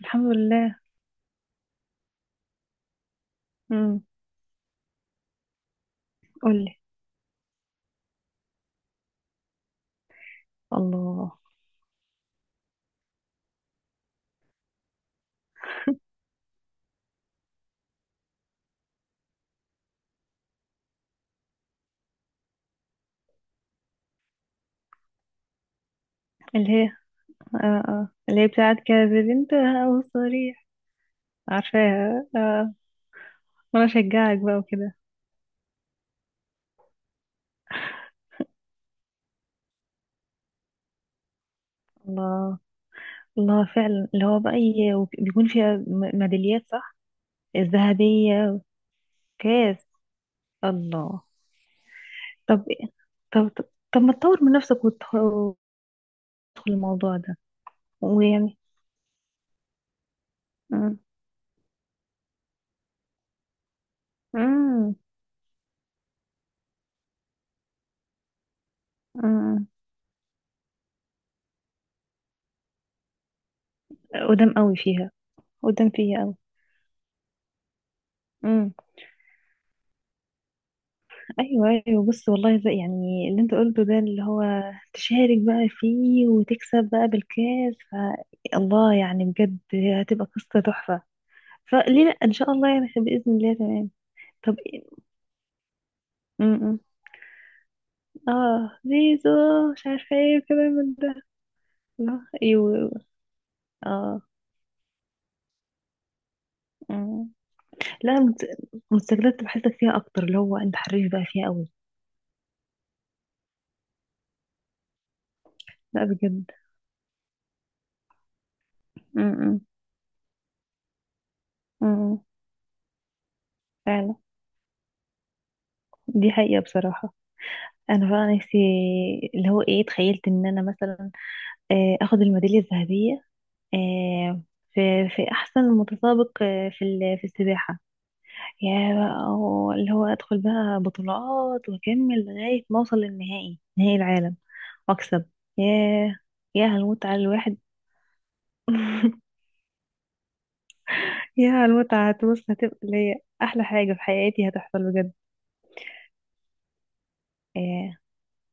الحمد لله. امم. قولي. الله. اللي هي آه آه. اللي هي بتاعت كذب انتهى وصريح. عارفاها آه. وانا اشجعك بقى وكده. الله. الله فعلا اللي هو بقى بيكون فيها ميداليات، صح؟ الذهبية والكاس. الله. طب. طب طب, طب ما تطور من نفسك وتدخل الموضوع ده ويعني. امم. امم. امم. قدام قوي فيها. قدام فيها قوي. ايوه بص والله زي يعني اللي انت قلته ده اللي هو تشارك بقى فيه وتكسب بقى بالكاس. الله، يعني بجد هتبقى قصة تحفة. فليه لا؟ ان شاء الله يعني بإذن الله، تمام. طب إيه- م- م. اه زيزو، مش عارفة ايه وكلام من ده. لا ايوه. اه. م. لا مت- مستجدات بحسك فيها اكتر، اللي هو انت حريف بقى فيها قوي. لا بجد. م- م. م- م. فعلا، دي حقيقة بصراحة. انا بقى نفسي اللي هو ايه، تخيلت ان انا مثلا اخد الميداليه الذهبيه، آه، في احسن متسابق، في في السباحه، يا بقى اللي هو ادخل بقى بطولات واكمل لغايه ما اوصل للنهائي، نهائي العالم واكسب. ياه، يا المتعه الواحد! يا المتعه، هتبص هتبقى اللي هي احلى حاجه في حياتي هتحصل بجد. آه،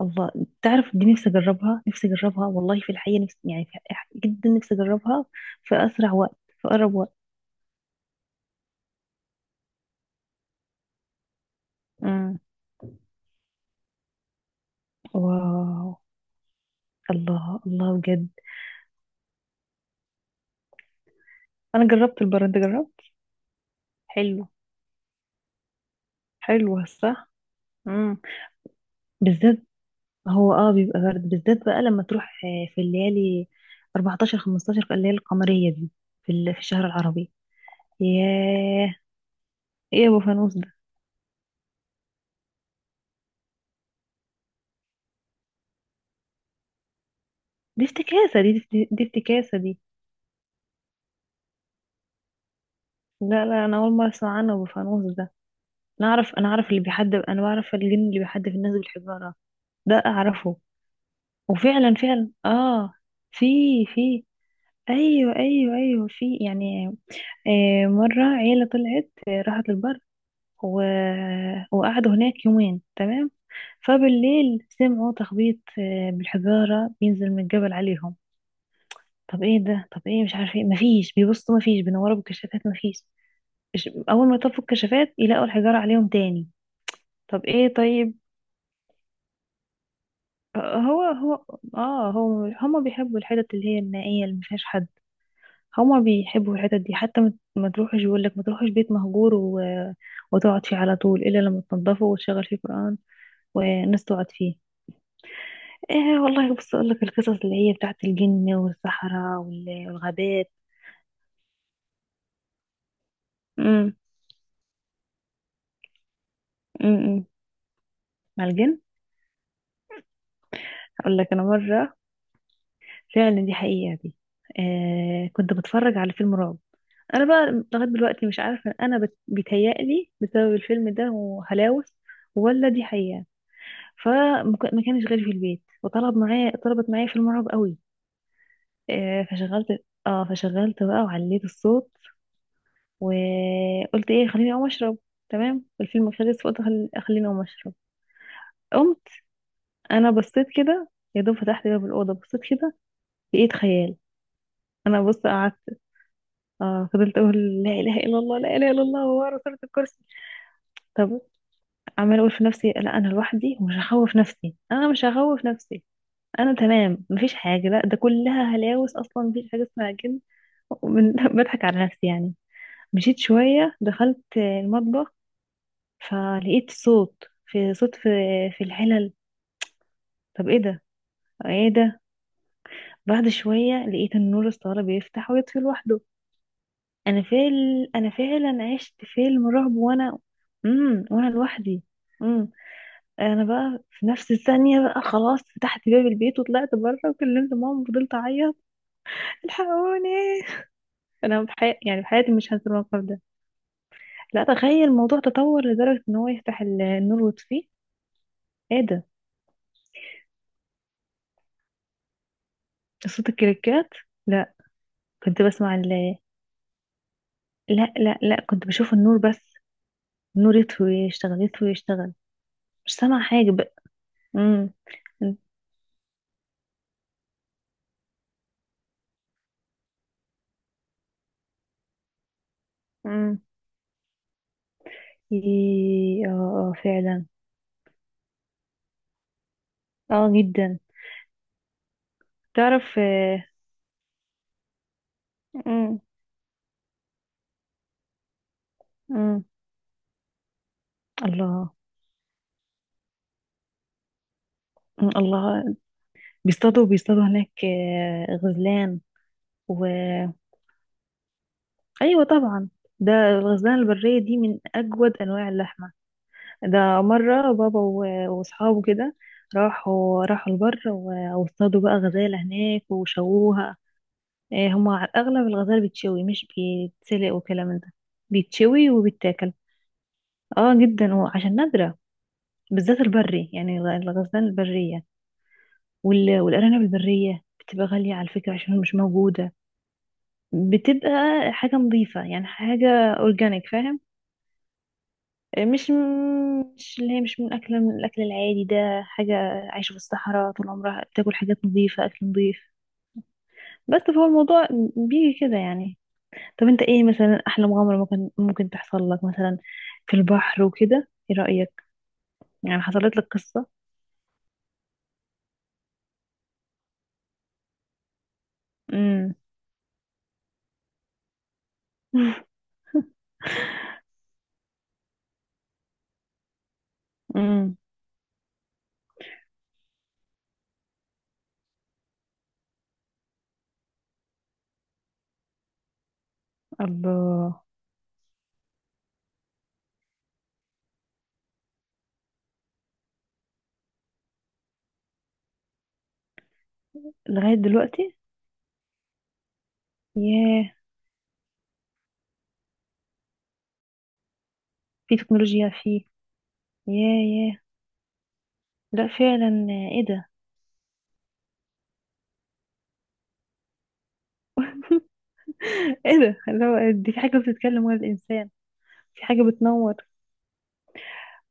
الله. تعرف دي نفسي اجربها، نفسي اجربها والله في الحقيقه نفسي، يعني في الحقيقة جدا نفسي اجربها في اسرع وقت، في اقرب وقت. امم. واو. الله، الله بجد. انا جربت البرد، انت جربت؟ حلو. حلو صح. امم. بالذات، هو اه بيبقى برد بالذات بقى لما تروح، في الليالي 14 15، الليالي القمرية دي، في في الشهر العربي. ياه. ايه يا ابو فانوس ده؟ دي دي دي افتكاسة دي. لا انا اول مرة اسمع عنه، ابو فانوس. انا اعرف اللي بيحدف، انا بعرف الجن اللي بيحدف الناس بالحجارة، ده اعرفه. وفعلا فعلا اه. في في. ايوه في يعني، آه، مرة عيلة طلعت، راحت البر و وقعدوا هناك يومين، تمام. فبالليل سمعوا تخبيط، بالحجارة بينزل من الجبل عليهم. طب ايه ده؟ طب ايه؟ مش عارف ايه. مفيش بيبصوا، مفيش بينوروا بالكشافات، مفيش. اول ما يطفوا الكشافات يلاقوا الحجارة عليهم تاني. طب ايه؟ طيب. هو. اه، هو هما بيحبوا الحتت اللي هي النائية اللي مفيهاش حد، هما بيحبوا الحتت دي، حتى ما تروحش، يقول لك ما تروحش بيت مهجور وتقعد فيه على طول، الا لما تنضفه وتشغل فيه قرآن والناس تقعد فيه. ايه والله، بص اقول لك القصص اللي هي بتاعت الجن والصحراء والغابات. امم. امم. مع الجن. اقول لك، انا مرة فعلا، دي حقيقة دي، آه، كنت بتفرج على فيلم رعب. انا بقى لغايه دلوقتي مش عارفه انا بيتهيألي بسبب الفيلم ده وهلاوس، ولا دي حقيقه. فما كانش غيري في البيت، وطلب معايا، طلبت معايا فيلم رعب قوي. فشغلت، اه فشغلت بقى وعليت الصوت، وقلت ايه، خليني اقوم اشرب. تمام، الفيلم خلص، فقلت خليني اقوم اشرب. قمت، انا بصيت كده، يا دوب فتحت باب الاوضه، بصيت كده، لقيت خيال. انا بص قعدت، اه فضلت اقول لا اله الا الله، لا اله الا الله، ورا صورة الكرسي. طب. عمال اقول في نفسي، لا انا لوحدي ومش هخوف نفسي، انا مش هخوف نفسي، انا تمام، مفيش حاجه، لا ده كلها هلاوس، اصلا مفيش حاجه اسمها جن. بضحك على نفسي يعني. مشيت شويه، دخلت المطبخ، فلقيت صوت، في الحلل. طب ايه ده؟ ايه ده؟ بعد شويه لقيت النور الصاله بيفتح ويطفي لوحده. انا فعلا عشت فيلم رعب، وانا، امم، وانا لوحدي. انا بقى في نفس الثانية بقى، خلاص، فتحت باب البيت وطلعت بره وكلمت ماما وفضلت اعيط، الحقوني! يعني في حياتي مش هنسى الموقف ده. لا تخيل، الموضوع تطور لدرجة ان هو يفتح النور ويطفيه، ايه ده؟ صوت الكريكات؟ لا. كنت بسمع ال... لا كنت بشوف النور بس، النور يطفي ويشتغل، يطفي ويشتغل، مش سامعة حاجة بقى. امم. امم. إيه، اه. آه، فعلا. اه جدا. تعرف آه. امم. امم. الله. الله. بيصطادوا، بيصطادوا هناك غزلان و. ايوه طبعا. ده الغزلان البرية دي من اجود انواع اللحمة. ده مرة بابا واصحابه كده، راحوا البر واصطادوا بقى غزالة هناك وشووها. هما على الاغلب الغزال بتشوي مش بيتسلق وكلام من ده، بيتشوي وبيتاكل. اه جدا، وعشان نادرة، بالذات البري، يعني الغزلان البرية والارانب البرية بتبقى غالية على فكرة عشان مش موجودة. بتبقى حاجة نظيفة، يعني حاجة اورجانيك فاهم. مش، مش اللي هي مش من اكل، من الاكل العادي ده، حاجة عايشة في الصحراء طول عمرها بتاكل حاجات نظيفة، اكل نظيف. بس فهو الموضوع بيجي كده يعني. طب انت ايه مثلا، احلى مغامرة ممكن تحصل لك مثلا في البحر وكده، ايه رأيك؟ يعني حصلت لك قصة. امم. امم. الله. لغاية دلوقتي. ياه. في تكنولوجيا فيه. ياه. ياه. لا فعلا. ايه ده؟ ايه ده؟ اللي هو دي في حاجة بتتكلم ولا الإنسان؟ في حاجة بتنور؟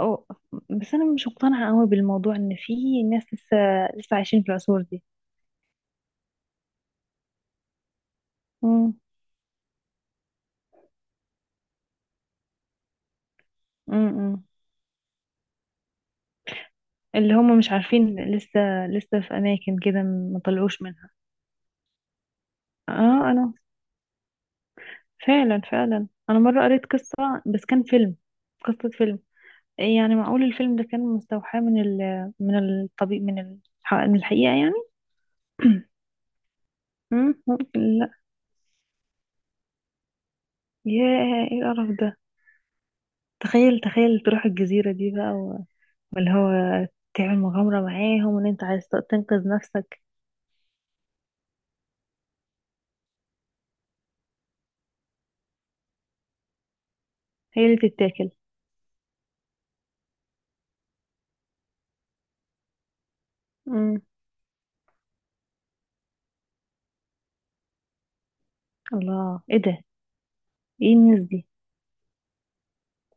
أو. بس أنا مش مقتنعة قوي بالموضوع، إن في ناس لسه، لسه عايشين في العصور دي. مم. مم. اللي هم مش عارفين لسه، لسه في أماكن كده ما طلعوش منها. اه أنا فعلا، فعلا أنا مرة قريت قصة، بس كان فيلم، قصة فيلم، يعني معقول الفيلم ده كان مستوحى من ال، من الطبيب، من الحقيقة يعني. مم. ممكن، لا. ياه، ايه القرف ده! تخيل، تخيل تروح الجزيرة دي بقى واللي هو تعمل مغامرة معاهم، وان انت عايز تنقذ نفسك. هي اللي تتاكل. امم. الله، ايه ده؟ ايه الناس دي؟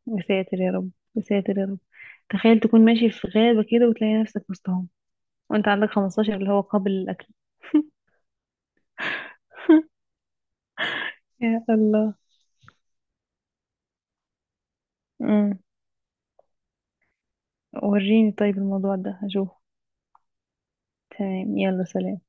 يا ساتر يا رب، يا ساتر يا رب. تخيل تكون ماشي في غابة كده وتلاقي نفسك وسطهم، وانت عندك 15، اللي هو قابل للأكل! يا الله. امم. وريني طيب الموضوع ده هشوف. تمام، يلا سلام.